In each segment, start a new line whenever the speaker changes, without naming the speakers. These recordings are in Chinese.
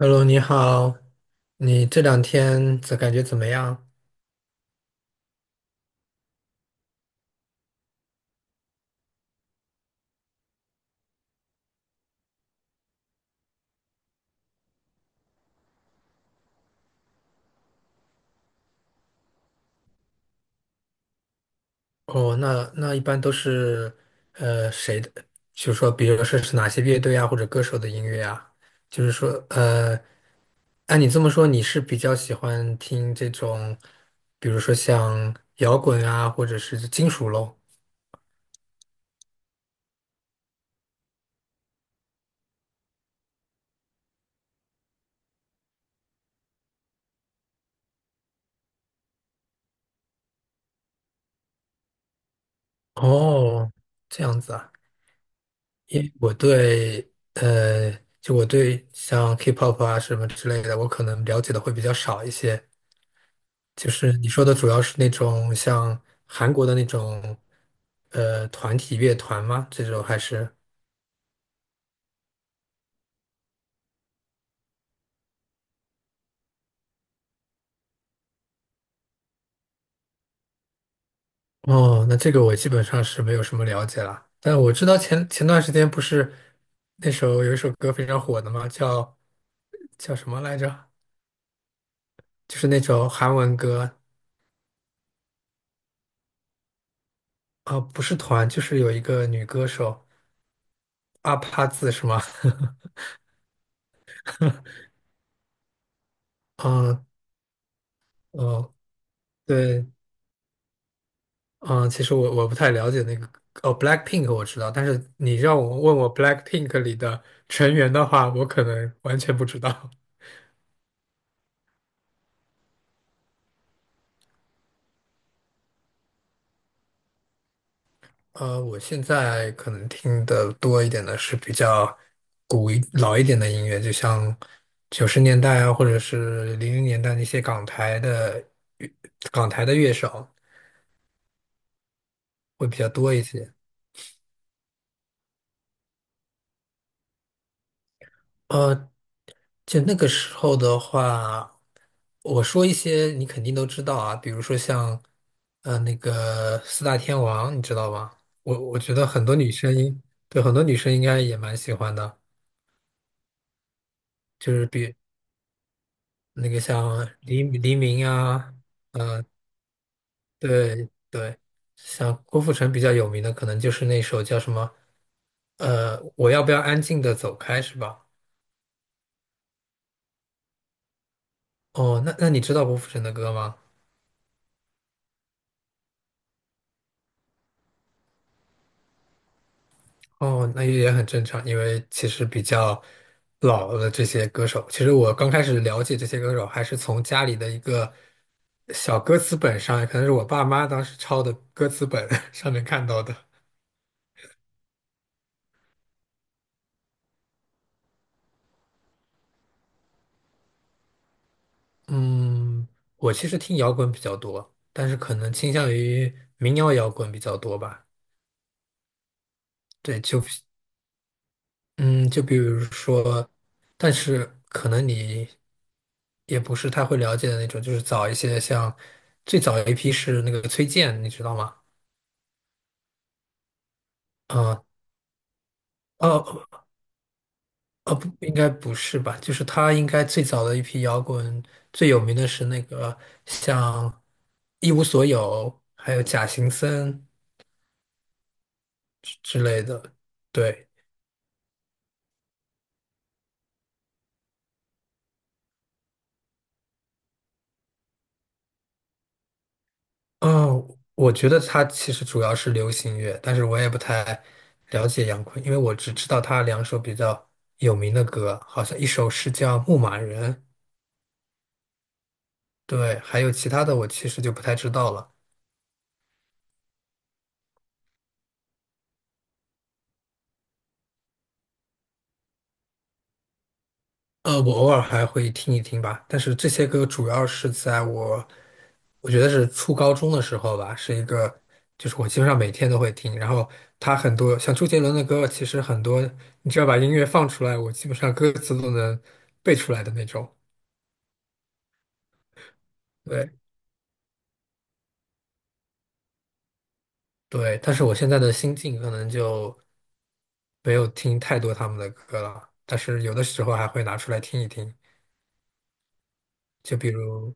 Hello，你好，你这两天怎感觉怎么样？哦，那一般都是谁的？就是说，比如说是哪些乐队啊，或者歌手的音乐啊？就是说，按你这么说，你是比较喜欢听这种，比如说像摇滚啊，或者是金属咯？哦，这样子啊。因为我对我对像 K-pop 啊什么之类的，我可能了解的会比较少一些。就是你说的主要是那种像韩国的那种团体乐团吗？这种还是？哦，那这个我基本上是没有什么了解了，但我知道前段时间不是那首有一首歌非常火的嘛，叫什么来着？就是那首韩文歌。啊，不是团，就是有一个女歌手阿帕字是吗？嗯，哦，对，嗯，其实我不太了解那个。哦，BLACKPINK 我知道，但是你让我问我 BLACKPINK 里的成员的话，我可能完全不知道。我现在可能听的多一点的是比较老一点的音乐，就像九十年代啊，或者是零零年代那些港台的乐手会比较多一些。呃。就那个时候的话，我说一些你肯定都知道啊，比如说像，那个四大天王，你知道吗？我觉得很多女生对，很多女生应该也蛮喜欢的，就是比那个像黎明啊，对对，像郭富城比较有名的，可能就是那首叫什么，我要不要安静的走开，是吧？哦，那那你知道郭富城的歌吗？哦，那也很正常。因为其实比较老的这些歌手，其实我刚开始了解这些歌手，还是从家里的一个小歌词本上，可能是我爸妈当时抄的歌词本 上面看到的。嗯，我其实听摇滚比较多，但是可能倾向于民谣摇滚比较多吧。对，嗯，就比如说，但是可能你也不是太会了解的那种，就是早一些像，最早一批是那个崔健，你知道吗？啊、哦，哦不，应该不是吧？就是他应该最早的一批摇滚，最有名的是那个像《一无所有》，还有《假行僧》之类的。对，嗯，我觉得他其实主要是流行乐，但是我也不太了解杨坤，因为我只知道他两首比较有名的歌，好像一首是叫《牧马人》，对，还有其他的我其实就不太知道了。我偶尔还会听一听吧，但是这些歌主要是在我，我觉得是初高中的时候吧，是一个，就是我基本上每天都会听。然后他很多像周杰伦的歌，其实很多，你只要把音乐放出来，我基本上歌词都能背出来的那种。对。对，但是我现在的心境可能就没有听太多他们的歌了，但是有的时候还会拿出来听一听，就比如，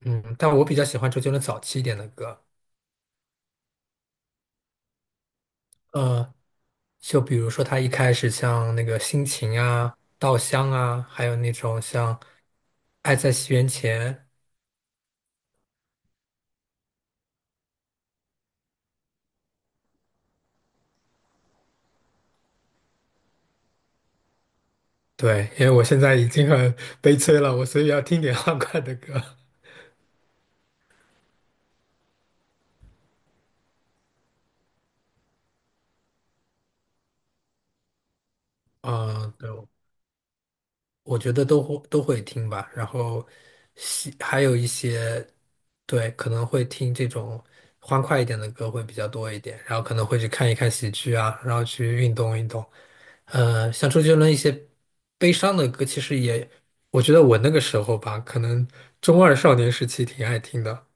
嗯，但我比较喜欢周杰伦早期一点的歌。呃，就比如说他一开始像那个《心情》啊、《稻香》啊，还有那种像《爱在西元前》。对，因为我现在已经很悲催了，我所以要听点 欢快的歌。嗯，对，我觉得都会听吧，然后还有一些，对，可能会听这种欢快一点的歌会比较多一点，然后可能会去看一看喜剧啊，然后去运动运动。像周杰伦一些悲伤的歌，其实也，我觉得我那个时候吧，可能中二少年时期挺爱听的，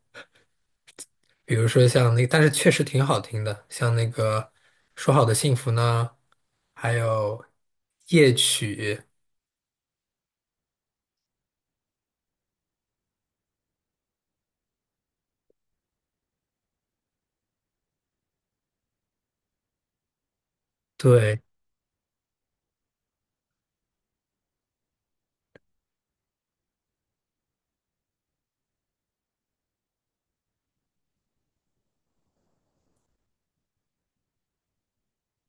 比如说但是确实挺好听的，像那个《说好的幸福》呢，还有夜曲，对。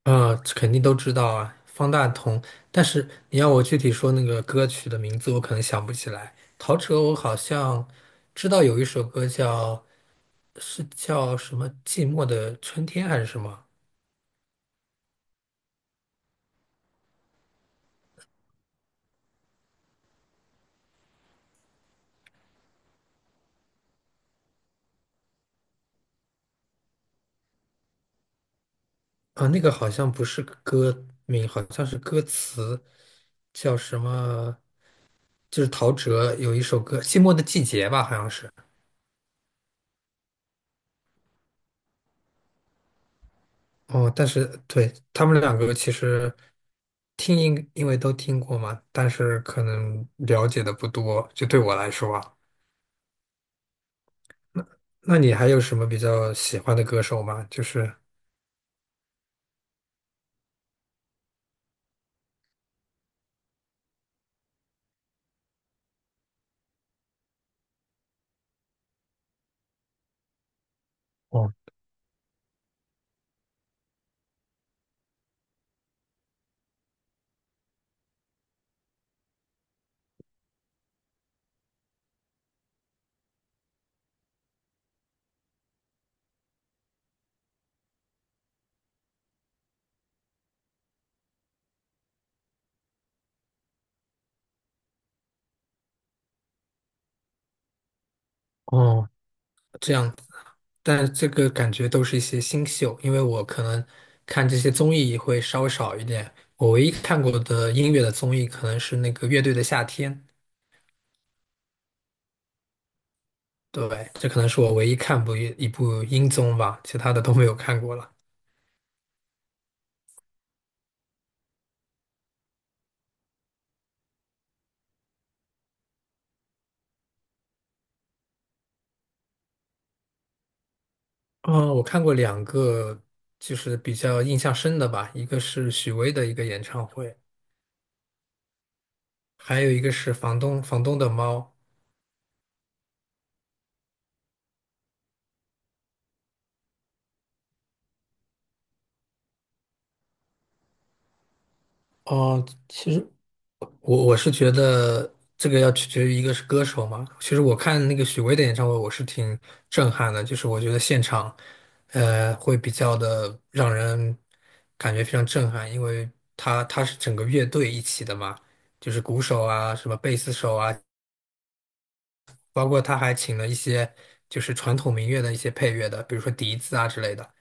啊，这肯定都知道啊，方大同。但是你要我具体说那个歌曲的名字，我可能想不起来。陶喆，我好像知道有一首歌叫，是叫什么《寂寞的春天》还是什么？啊，那个好像不是歌名，好像是歌词，叫什么？就是陶喆有一首歌《寂寞的季节》吧，好像是。哦，但是对他们两个其实听因为都听过嘛，但是可能了解的不多，就对我来说啊。那你还有什么比较喜欢的歌手吗？就是哦，哦，这样子。但这个感觉都是一些新秀，因为我可能看这些综艺会稍微少一点。我唯一看过的音乐的综艺可能是那个乐队的夏天，对，这可能是我唯一看过一部音综吧，其他的都没有看过了。嗯，我看过两个，就是比较印象深的吧，一个是许巍的一个演唱会，还有一个是房东的猫。哦，其实我是觉得这个要取决于一个是歌手嘛。其实我看那个许巍的演唱会，我是挺震撼的，就是我觉得现场，会比较的让人感觉非常震撼，因为他是整个乐队一起的嘛，就是鼓手啊，什么贝斯手啊。包括他还请了一些就是传统民乐的一些配乐的，比如说笛子啊之类的，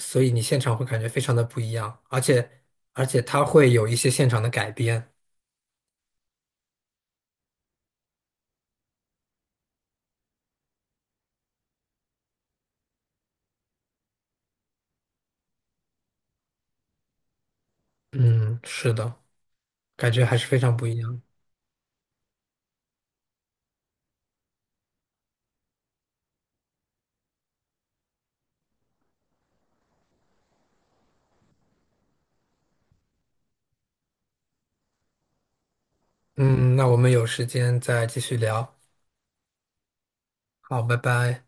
所以你现场会感觉非常的不一样。而且他会有一些现场的改编，嗯，是的，感觉还是非常不一样。嗯，那我们有时间再继续聊，好，拜拜。